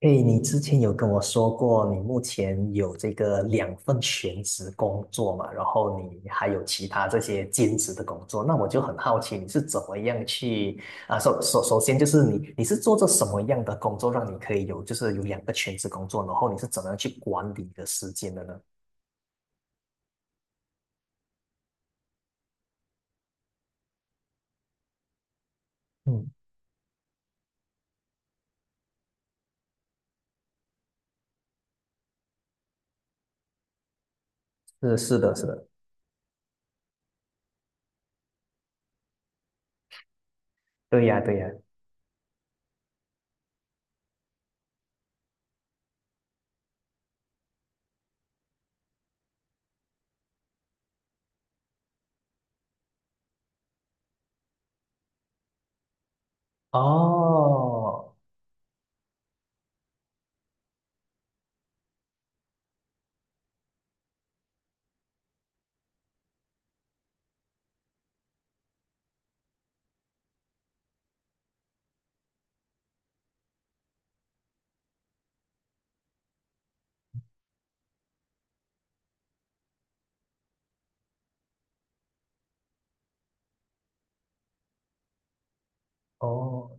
诶，你之前有跟我说过，你目前有这个两份全职工作嘛，然后你还有其他这些兼职的工作，那我就很好奇，你是怎么样去啊？首先就是你是做着什么样的工作，让你可以有就是有两个全职工作，然后你是怎么样去管理你的时间的呢？嗯，是是的，是的，对呀，对呀，哦哦，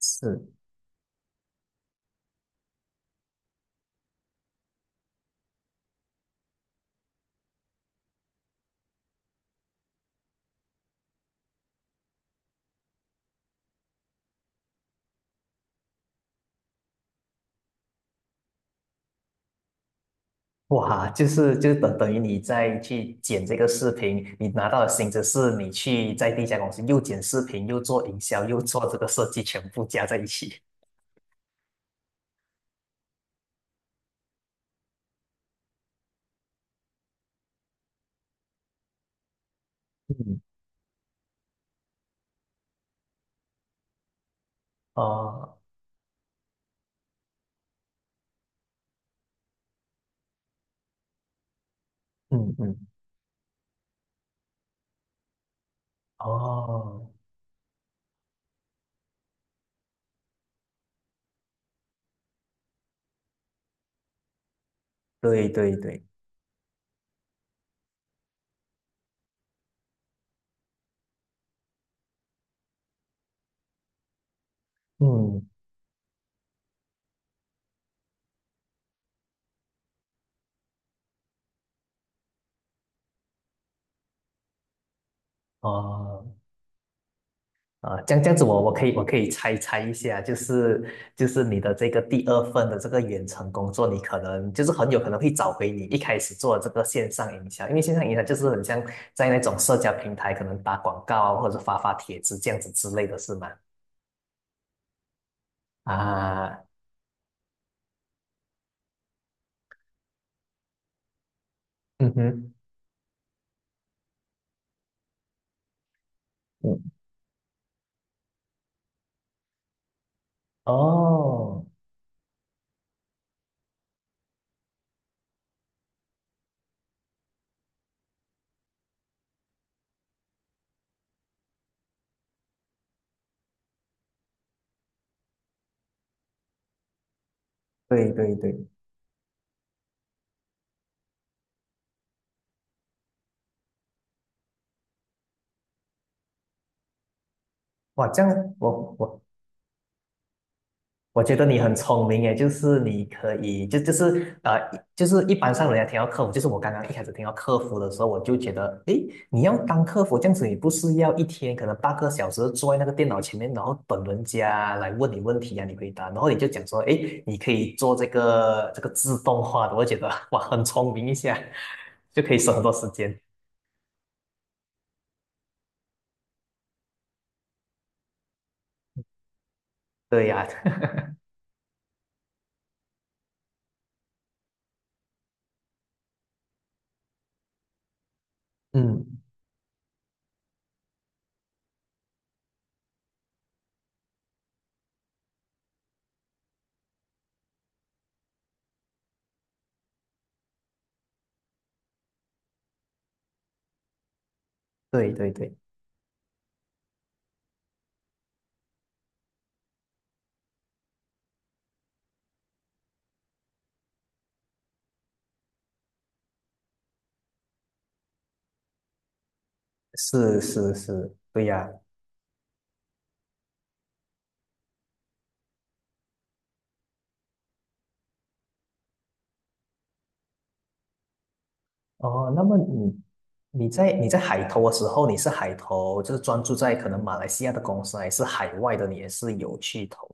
是。哇，就是等等于你再去剪这个视频，你拿到的薪资是你去在第一家公司又剪视频，又做营销，又做这个设计，全部加在一起。嗯，哦，嗯嗯，哦，对对对，嗯，哦。啊，这样子我可以我可以猜猜一下，就是你的这个第二份的这个远程工作，你可能就是很有可能会找回你一开始做的这个线上营销，因为线上营销就是很像在那种社交平台可能打广告啊，或者发发帖子这样子之类的是吗？啊，嗯哼，嗯，哦，对对对，哇，这样我我觉得你很聪明诶，就是你可以，就就是就是一般上人家听到客服，就是我刚刚一开始听到客服的时候，我就觉得，诶，你要当客服这样子，你不是要一天可能8个小时坐在那个电脑前面，然后等人家来问你问题啊，你回答，然后你就讲说，诶，你可以做这个自动化的，我觉得哇，很聪明一下，就可以省很多时间。对呀、嗯，对对对，是是是，对呀、哦，那么你在你在海投的时候，你是海投，就是专注在可能马来西亚的公司，还是海外的，你也是有去投？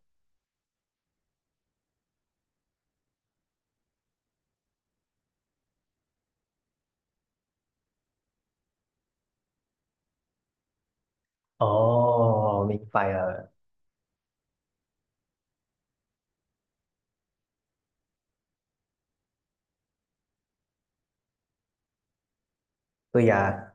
哦，明白了。对呀，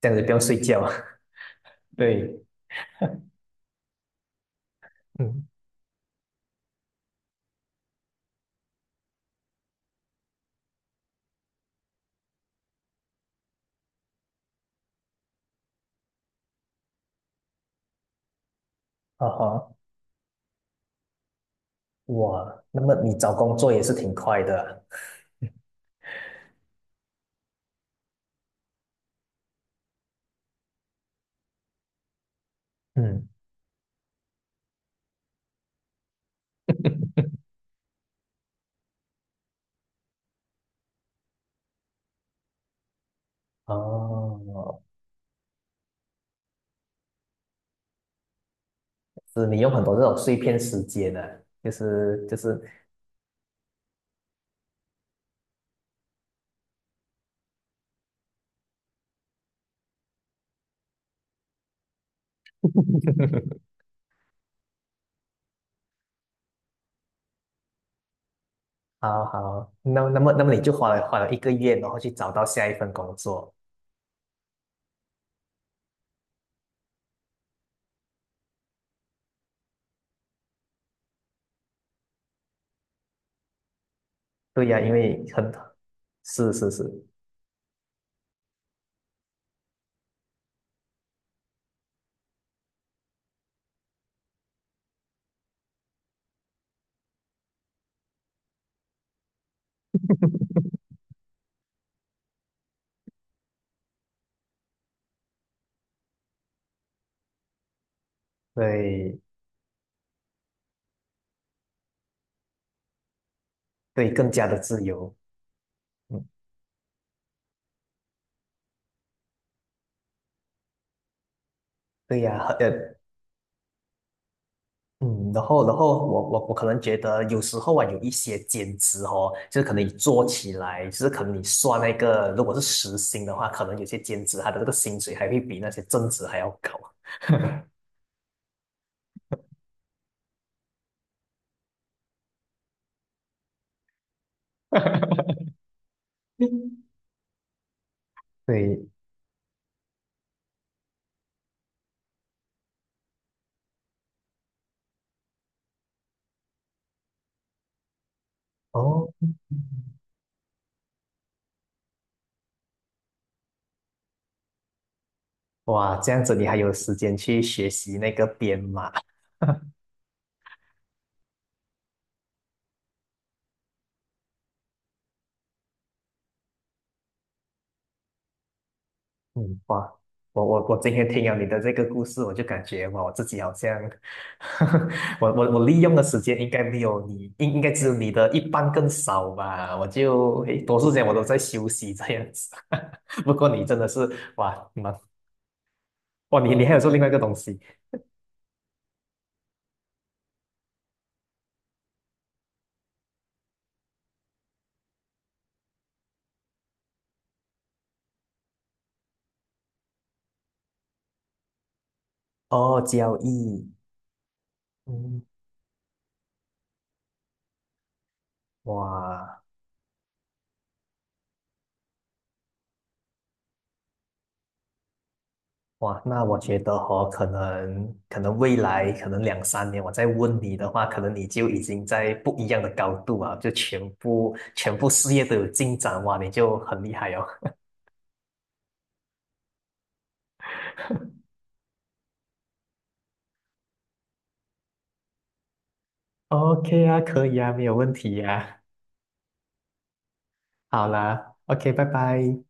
这样子不用睡觉。对，嗯，啊哈，哇，那么你找工作也是挺快的啊嗯，哦，是你用很多这种碎片时间呢、就是，好好，那那么你就花了1个月，然后去找到下一份工作。对呀、因为很，是是是，对对，更加的自由，对呀、很嗯，然后我可能觉得有时候啊，有一些兼职哦，就是可能你做起来，就是可能你算那个，如果是时薪的话，可能有些兼职它的这个薪水还会比那些正职还要高。对，哦，哇，这样子你还有时间去学习那个编码。嗯，哇，我今天听了你的这个故事，我就感觉哇，我自己好像，我利用的时间应该没有你，应该只有你的一半更少吧。我就诶多数时间我都在休息这样子。不过你真的是哇，蛮哇，你你还有做另外一个东西哦，交易，嗯，哇。哇，那我觉得哦，可能未来可能2,3年，我再问你的话，可能你就已经在不一样的高度啊，就全部事业都有进展哇，你就很厉害哦。OK 啊，可以啊，没有问题呀、好啦，OK，拜拜。